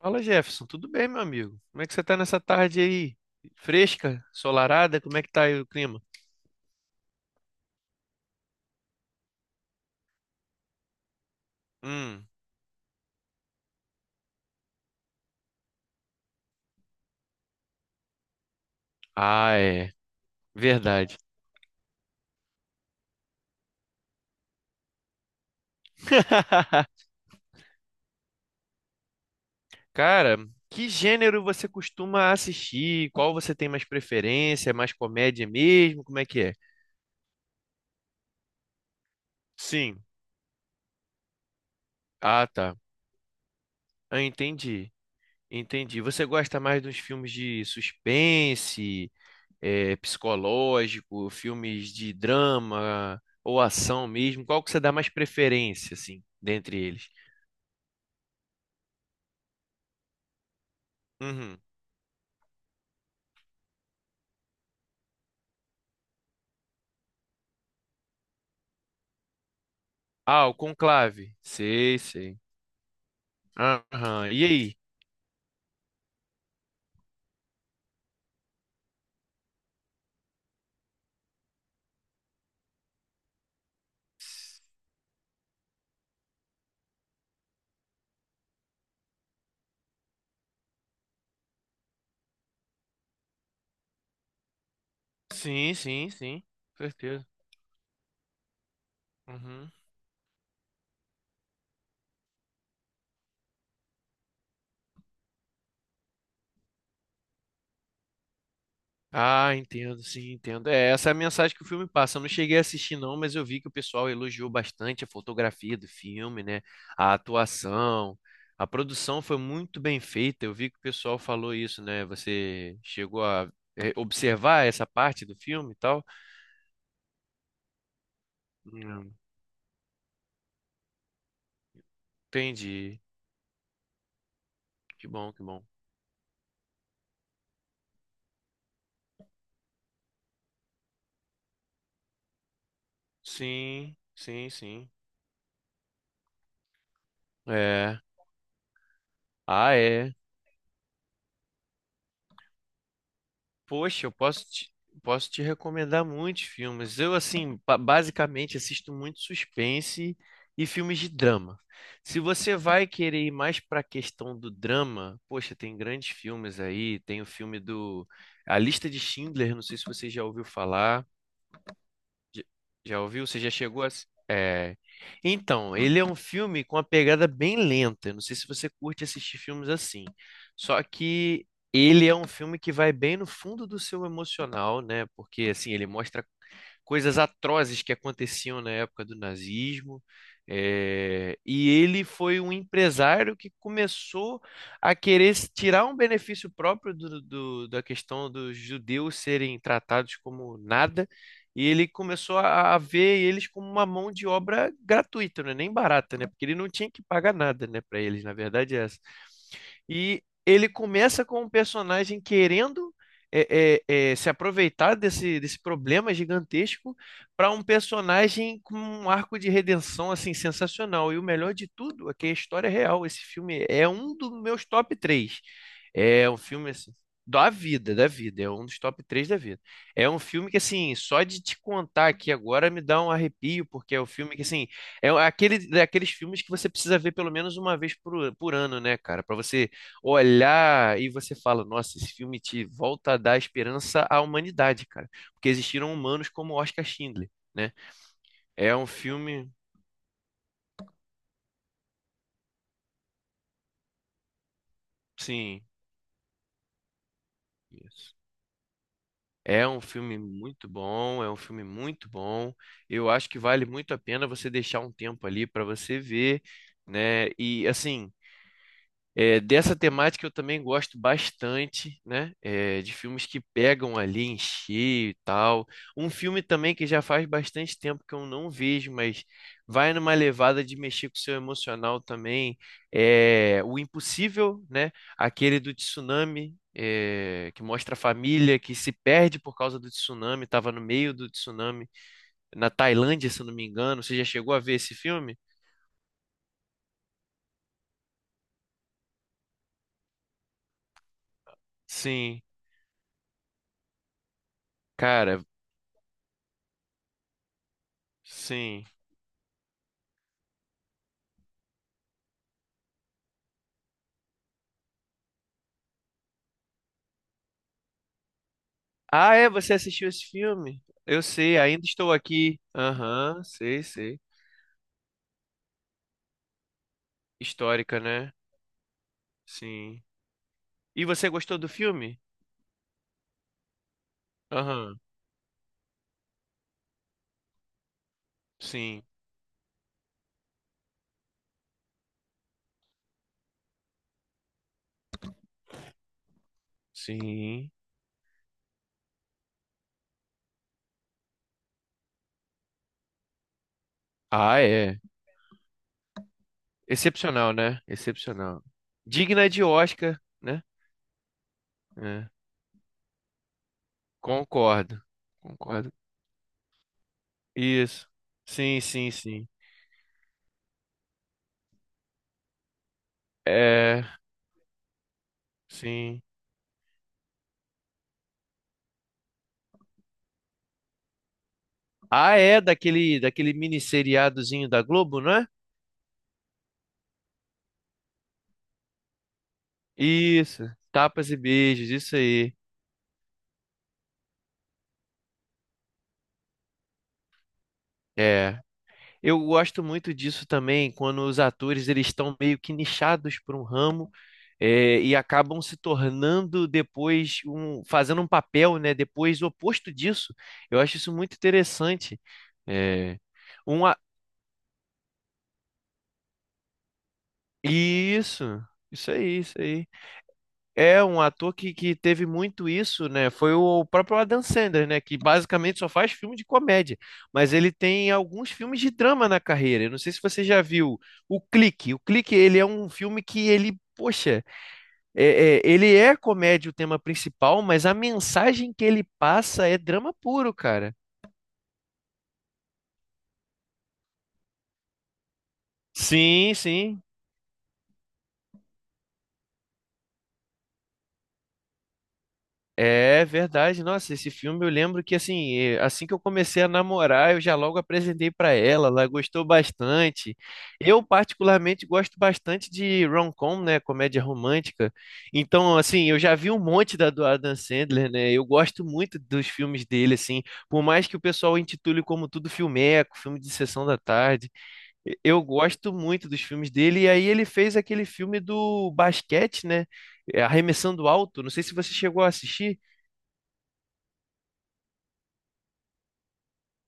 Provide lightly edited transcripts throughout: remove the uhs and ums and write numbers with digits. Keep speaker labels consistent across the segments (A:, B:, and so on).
A: Fala, Jefferson. Tudo bem, meu amigo? Como é que você tá nessa tarde aí? Fresca? Ensolarada? Como é que tá aí o clima? Hum. Ah, é. Verdade. Cara, que gênero você costuma assistir? Qual você tem mais preferência? É mais comédia mesmo? Como é que é? Sim. Ah, tá. Ah, entendi. Entendi. Você gosta mais dos filmes de suspense? É, psicológico, filmes de drama ou ação mesmo? Qual que você dá mais preferência, assim, dentre eles? Uhum. Ah, o Conclave. Sei, sei. Aham. E aí? Sim, sim, sim. Com certeza. Uhum. Ah, entendo, sim, entendo. É, essa é a mensagem que o filme passa. Eu não cheguei a assistir, não, mas eu vi que o pessoal elogiou bastante a fotografia do filme, né? A atuação. A produção foi muito bem feita. Eu vi que o pessoal falou isso, né? Você chegou a observar essa parte do filme e tal? Hum, entendi. Que bom, que bom. Sim, sim, sim. É. Ah, é. Poxa, posso te recomendar muitos filmes. Eu, assim, basicamente assisto muito suspense e filmes de drama. Se você vai querer ir mais para a questão do drama, poxa, tem grandes filmes aí. Tem o filme do A Lista de Schindler, não sei se você já ouviu falar. Já já ouviu? Você já chegou a. ass- É... Então, ele é um filme com uma pegada bem lenta. Eu não sei se você curte assistir filmes assim. Só que ele é um filme que vai bem no fundo do seu emocional, né? Porque assim, ele mostra coisas atrozes que aconteciam na época do nazismo. É, e ele foi um empresário que começou a querer se tirar um benefício próprio da questão dos judeus serem tratados como nada, e ele começou a ver eles como uma mão de obra gratuita, né? Nem barata, né? Porque ele não tinha que pagar nada, né, para eles, na verdade é essa. E ele começa com um personagem querendo se aproveitar desse problema gigantesco para um personagem com um arco de redenção assim sensacional. E o melhor de tudo é que a história é real. Esse filme é um dos meus top 3. É um filme assim, da vida, da vida. É um dos top 3 da vida. É um filme que, assim, só de te contar aqui agora me dá um arrepio, porque é o filme que, assim, é aquele, daqueles filmes que você precisa ver pelo menos uma vez por ano, né, cara? Para você olhar e você fala, nossa, esse filme te volta a dar esperança à humanidade, cara, porque existiram humanos como Oscar Schindler, né? É um filme, sim, isso. É um filme muito bom, é um filme muito bom. Eu acho que vale muito a pena você deixar um tempo ali para você ver, né? E assim, é, dessa temática eu também gosto bastante, né? É, de filmes que pegam ali em cheio e tal. Um filme também que já faz bastante tempo que eu não vejo, mas vai numa levada de mexer com o seu emocional também. É O Impossível, né? Aquele do tsunami, é, que mostra a família que se perde por causa do tsunami, estava no meio do tsunami, na Tailândia, se eu não me engano. Você já chegou a ver esse filme? Sim, cara, sim. Ah, é? Você assistiu esse filme? Eu sei, ainda estou aqui. Aham, sei, sei. Histórica, né? Sim. E você gostou do filme? Aham, sim, sim. Ah, é. Excepcional, né? Excepcional. Digna de Oscar, né? É. Concordo, concordo. Isso. Sim, sim, sim. É, sim. Ah, é daquele, daquele mini seriadozinho da Globo, não é? Isso. Tapas e beijos, isso aí. É. Eu gosto muito disso também, quando os atores eles estão meio que nichados por um ramo e acabam se tornando depois fazendo um papel, né, depois oposto disso. Eu acho isso muito interessante. É, um a- Isso, isso aí, isso aí. É um ator que teve muito isso, né? Foi o próprio Adam Sandler, né? Que basicamente só faz filme de comédia, mas ele tem alguns filmes de drama na carreira. Eu não sei se você já viu O Clique. O Clique, ele é um filme que ele, poxa, ele é comédia o tema principal, mas a mensagem que ele passa é drama puro, cara. Sim, sim. É verdade, nossa, esse filme eu lembro que assim, assim que eu comecei a namorar, eu já logo apresentei pra ela, ela gostou bastante. Eu particularmente gosto bastante de rom-com, né, comédia romântica. Então, assim, eu já vi um monte da do Adam Sandler, né? Eu gosto muito dos filmes dele assim, por mais que o pessoal intitule como tudo filmeco, filme de sessão da tarde. Eu gosto muito dos filmes dele e aí ele fez aquele filme do basquete, né? Arremessando Alto, não sei se você chegou a assistir.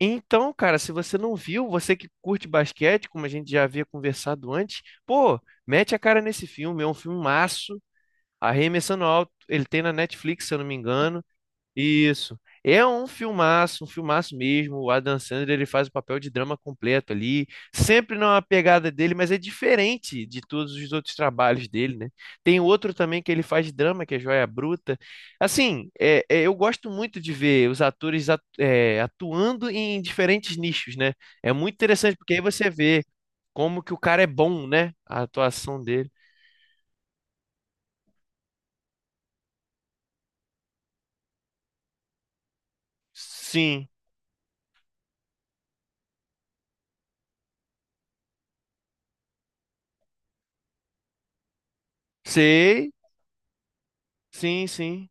A: Então, cara, se você não viu, você que curte basquete, como a gente já havia conversado antes, pô, mete a cara nesse filme, é um filmaço, Arremessando Alto, ele tem na Netflix, se eu não me engano. Isso. É um filmaço mesmo. O Adam Sandler, ele faz o papel de drama completo ali, sempre numa pegada dele, mas é diferente de todos os outros trabalhos dele, né? Tem outro também que ele faz drama, que é Joia Bruta. Assim, eu gosto muito de ver os atores atuando em diferentes nichos, né? É muito interessante, porque aí você vê como que o cara é bom, né? A atuação dele. Sim, sei, sim, sim,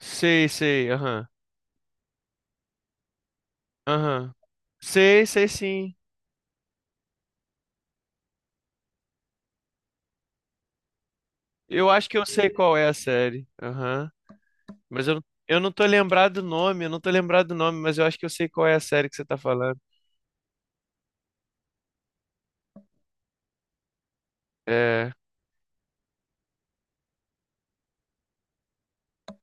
A: sei, sei, aham. Aham. Sei, sei sim. Eu acho que eu sei qual é a série. Aham. Mas eu não tô lembrado do nome, eu não tô lembrado do nome, mas eu acho que eu sei qual é a série que você tá falando. É,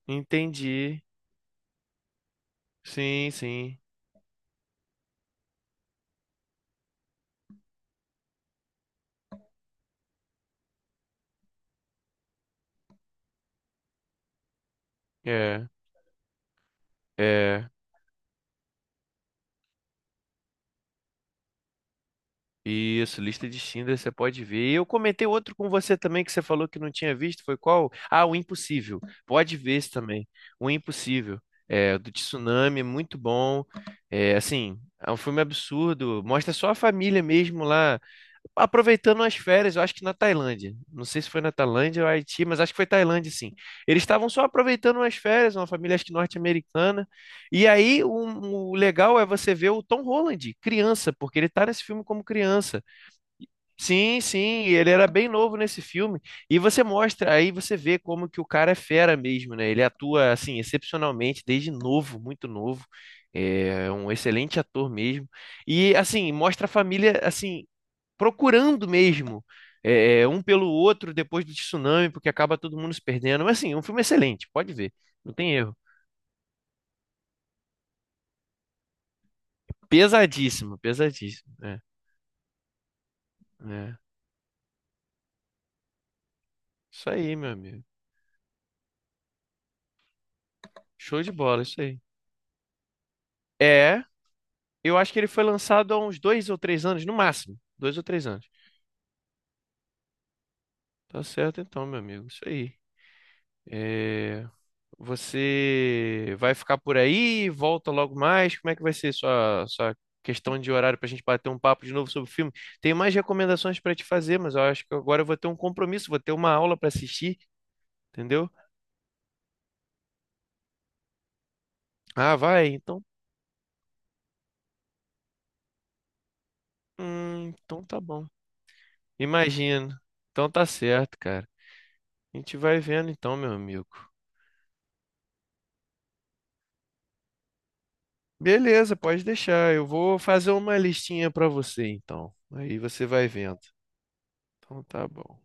A: entendi. Sim, sim. É, é. Isso, lista de Schindler, você pode ver. E eu comentei outro com você também que você falou que não tinha visto, foi qual? Ah, O Impossível. Pode ver esse também. O Impossível. É, do tsunami, é muito bom. É, assim, é um filme absurdo. Mostra só a família mesmo lá, aproveitando as férias, eu acho que na Tailândia. Não sei se foi na Tailândia ou Haiti, mas acho que foi Tailândia, sim. Eles estavam só aproveitando as férias, uma família acho que norte-americana. E aí o, o legal é você ver o Tom Holland, criança, porque ele tá nesse filme como criança. Sim, sim, ele era bem novo nesse filme. E você mostra, aí você vê como que o cara é fera mesmo, né? Ele atua assim excepcionalmente desde novo, muito novo. É um excelente ator mesmo. E assim, mostra a família assim procurando mesmo um pelo outro depois do tsunami, porque acaba todo mundo se perdendo. Mas assim, é um filme excelente, pode ver, não tem erro. Pesadíssimo, pesadíssimo. É, é. Isso aí, meu amigo. Show de bola, isso aí. É, eu acho que ele foi lançado há uns 2 ou 3 anos, no máximo. 2 ou 3 anos. Tá certo então, meu amigo. Isso aí. É... Você vai ficar por aí? Volta logo mais? Como é que vai ser sua questão de horário para a gente bater um papo de novo sobre o filme? Tenho mais recomendações para te fazer, mas eu acho que agora eu vou ter um compromisso, vou ter uma aula para assistir, entendeu? Ah, vai, então. Então tá bom. Imagino. Então tá certo, cara. A gente vai vendo então, meu amigo. Beleza, pode deixar. Eu vou fazer uma listinha para você então. Aí você vai vendo. Então tá bom.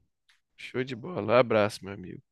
A: Show de bola. Abraço, meu amigo.